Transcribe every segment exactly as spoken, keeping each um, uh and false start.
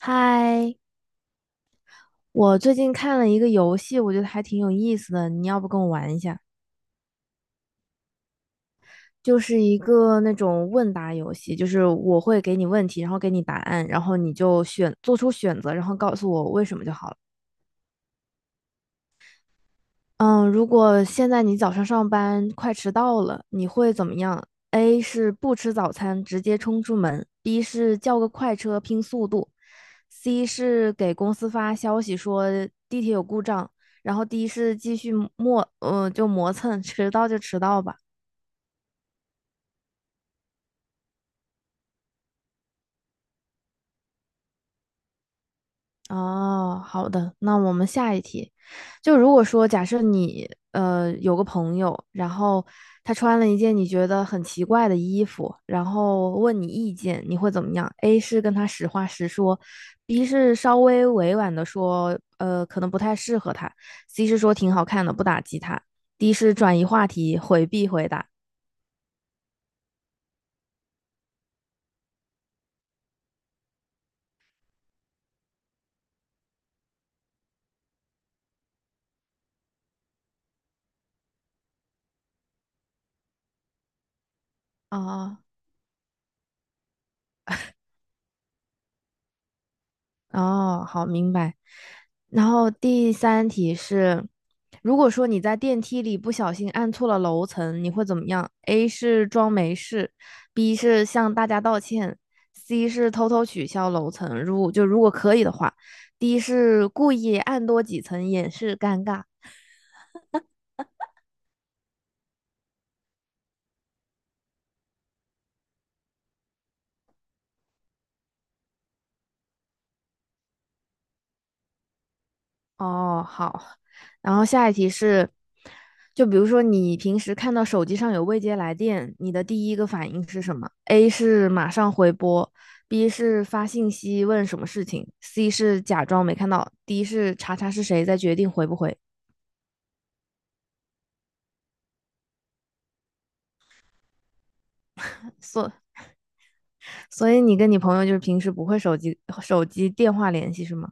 嗨，我最近看了一个游戏，我觉得还挺有意思的，你要不跟我玩一下？就是一个那种问答游戏，就是我会给你问题，然后给你答案，然后你就选，做出选择，然后告诉我为什么就好了。嗯，如果现在你早上上班快迟到了，你会怎么样？A 是不吃早餐，直接冲出门；B 是叫个快车拼速度；C 是给公司发消息说地铁有故障，然后 D 是继续磨，呃，就磨蹭，迟到就迟到吧。哦，好的，那我们下一题，就如果说假设你呃有个朋友，然后他穿了一件你觉得很奇怪的衣服，然后问你意见，你会怎么样？A 是跟他实话实说，B 是稍微委婉的说，呃，可能不太适合他，C 是说挺好看的，不打击他，D 是转移话题，回避回答。啊、哦，好，明白。然后第三题是，如果说你在电梯里不小心按错了楼层，你会怎么样？A 是装没事，B 是向大家道歉，C 是偷偷取消楼层，如就如果可以的话，D 是故意按多几层掩饰尴尬。哦，好。然后下一题是，就比如说你平时看到手机上有未接来电，你的第一个反应是什么？A 是马上回拨，B 是发信息问什么事情，C 是假装没看到，D 是查查是谁再决定回不回。所所以你跟你朋友就是平时不会手机手机电话联系是吗？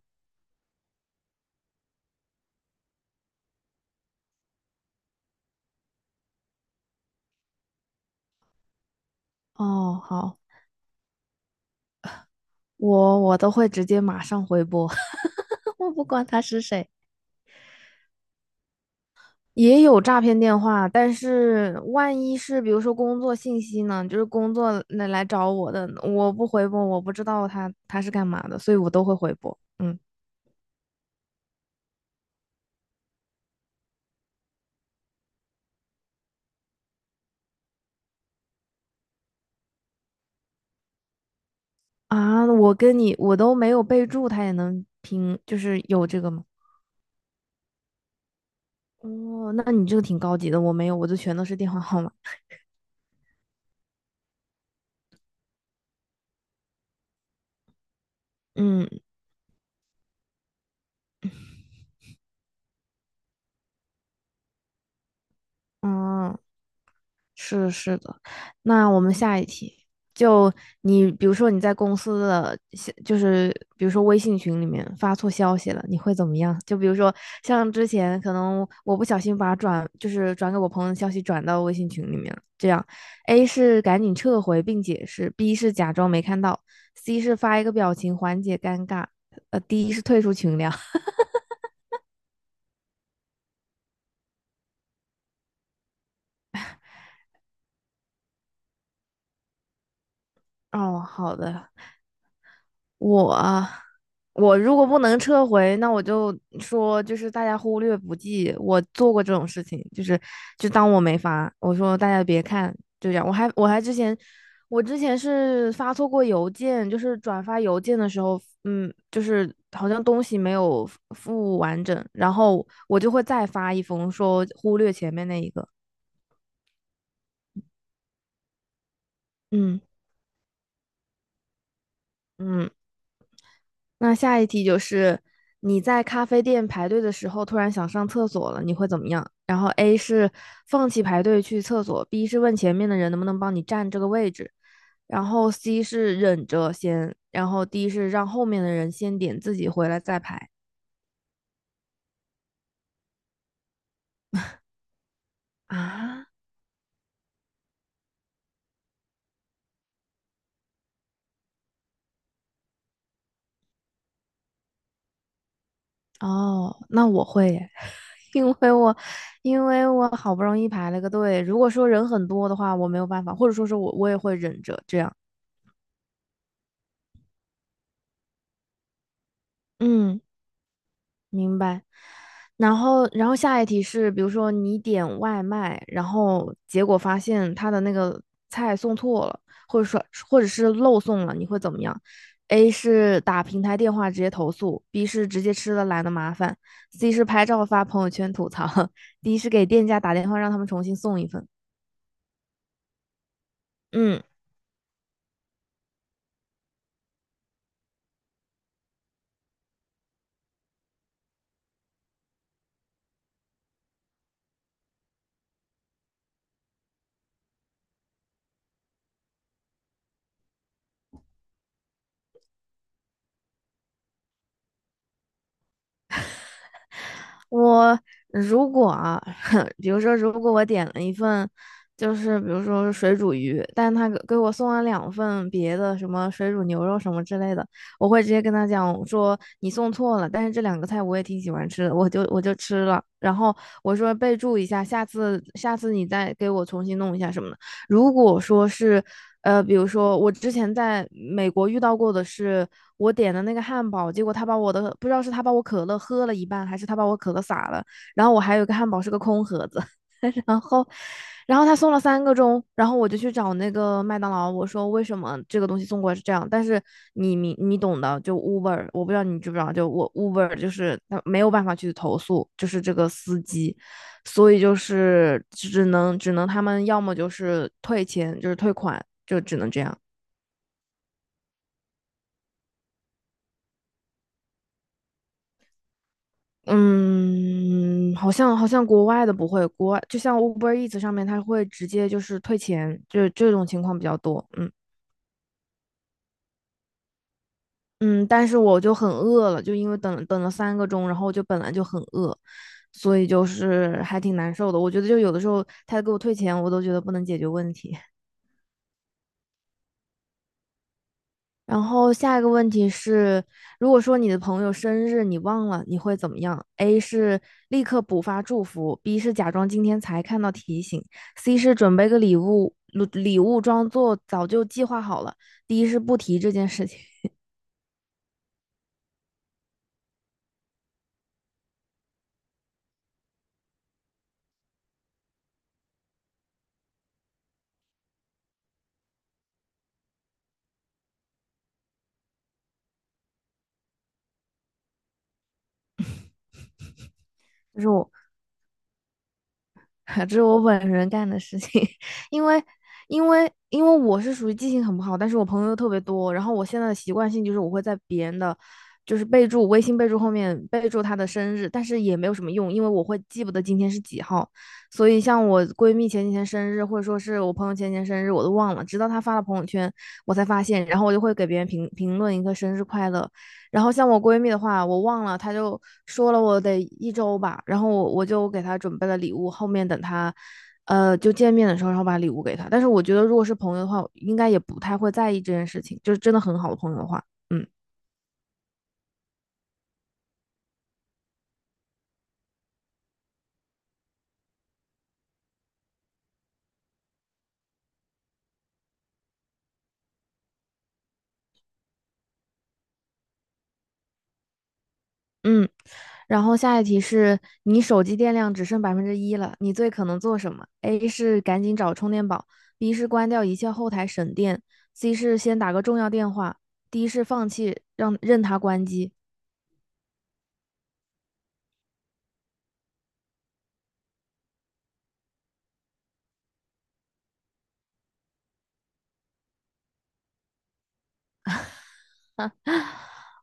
哦，好，我我都会直接马上回拨，我不管他是谁。也有诈骗电话，但是万一是比如说工作信息呢，就是工作那来找我的，我不回拨，我不知道他他是干嘛的，所以我都会回拨。嗯。啊，我跟你我都没有备注，他也能拼，就是有这个吗？哦，那你这个挺高级的，我没有，我就全都是电话号码。嗯，嗯，是的是的。那我们下一题，就你比如说你在公司的消就是比如说微信群里面发错消息了，你会怎么样？就比如说像之前可能我不小心把转就是转给我朋友的消息转到微信群里面了，这样 A 是赶紧撤回并解释，B 是假装没看到，C 是发一个表情缓解尴尬，呃，D 是退出群聊。哦，好的，我啊我如果不能撤回，那我就说就是大家忽略不计，我做过这种事情，就是就当我没发，我说大家别看，就这样。我还我还之前我之前是发错过邮件，就是转发邮件的时候，嗯，就是好像东西没有附完整，然后我就会再发一封说忽略前面那一个，嗯。嗯。那下一题就是你在咖啡店排队的时候突然想上厕所了，你会怎么样？然后 A 是放弃排队去厕所，B 是问前面的人能不能帮你占这个位置，然后 C 是忍着先，然后 D 是让后面的人先点，自己回来再排。啊。哦，那我会耶，因为我因为我好不容易排了个队，如果说人很多的话，我没有办法，或者说是我我也会忍着这样。嗯。明白。然后，然后下一题是，比如说你点外卖，然后结果发现他的那个菜送错了，或者说或者是漏送了，你会怎么样？A 是打平台电话直接投诉，B 是直接吃了懒得麻烦，C 是拍照发朋友圈吐槽 ，D 是给店家打电话让他们重新送一份。嗯，我如果啊，比如说，如果我点了一份，就是比如说水煮鱼，但他给给我送了两份别的什么水煮牛肉什么之类的，我会直接跟他讲说你送错了，但是这两个菜我也挺喜欢吃的，我就我就吃了。然后我说备注一下，下次下次你再给我重新弄一下什么的。如果说是呃，比如说我之前在美国遇到过的是，我点的那个汉堡，结果他把我的不知道是他把我可乐喝了一半，还是他把我可乐洒了，然后我还有一个汉堡是个空盒子，然后，然后他送了三个钟，然后我就去找那个麦当劳，我说为什么这个东西送过来是这样，但是你你你懂的，就 Uber，我不知道你知不知道，就我 Uber 就是他没有办法去投诉，就是这个司机，所以就是只能只能他们要么就是退钱，就是退款，就只能这样。嗯，好像好像国外的不会，国外就像 Uber Eats 上面，它会直接就是退钱，就这种情况比较多。嗯。嗯，但是我就很饿了，就因为等等了三个钟，然后我就本来就很饿，所以就是还挺难受的。我觉得就有的时候他给我退钱，我都觉得不能解决问题。然后下一个问题是，如果说你的朋友生日你忘了，你会怎么样？A 是立刻补发祝福，B 是假装今天才看到提醒，C 是准备个礼物，礼物装作早就计划好了，D 是不提这件事情。就是我 这是我本人干的事情，因为因为因为我是属于记性很不好，但是我朋友又特别多，然后我现在的习惯性就是我会在别人的就是备注微信备注后面备注他的生日，但是也没有什么用，因为我会记不得今天是几号，所以像我闺蜜前几天生日，或者说是我朋友前几天生日，我都忘了，直到她发了朋友圈我才发现，然后我就会给别人评评论一个生日快乐，然后像我闺蜜的话，我忘了，她就说了我得一周吧，然后我我就给她准备了礼物，后面等她，呃，就见面的时候，然后把礼物给她。但是我觉得，如果是朋友的话，应该也不太会在意这件事情，就是真的很好的朋友的话，嗯。嗯。然后下一题是你手机电量只剩百分之一了，你最可能做什么？A 是赶紧找充电宝，B 是关掉一切后台省电，C 是先打个重要电话，D 是放弃让任它关机。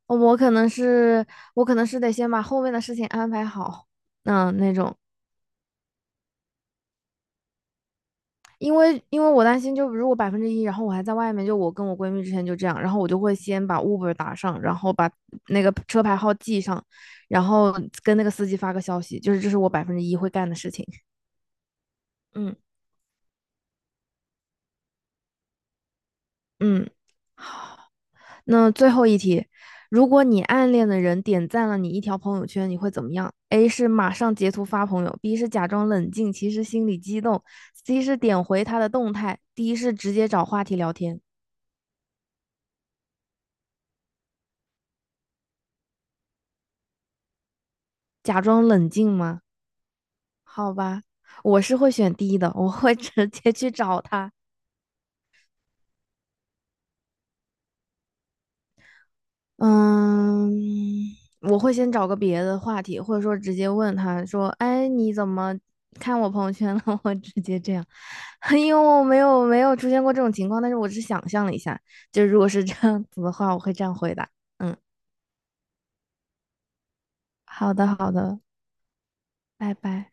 我可能是我可能是得先把后面的事情安排好，嗯，那种，因为因为我担心，就如果百分之一，然后我还在外面，就我跟我闺蜜之前就这样，然后我就会先把 Uber 打上，然后把那个车牌号记上，然后跟那个司机发个消息，就是这是我百分之一会干的事情，嗯。嗯。那最后一题，如果你暗恋的人点赞了你一条朋友圈，你会怎么样？A 是马上截图发朋友，B 是假装冷静，其实心里激动，C 是点回他的动态，D 是直接找话题聊天。假装冷静吗？好吧，我是会选 D 的，我会直接去找他。嗯，我会先找个别的话题，或者说直接问他说：“哎，你怎么看我朋友圈了？” 我会直接这样，因为我没有没有出现过这种情况，但是我只是想象了一下，就如果是这样子的话，我会这样回答。嗯，好的，好的，拜拜。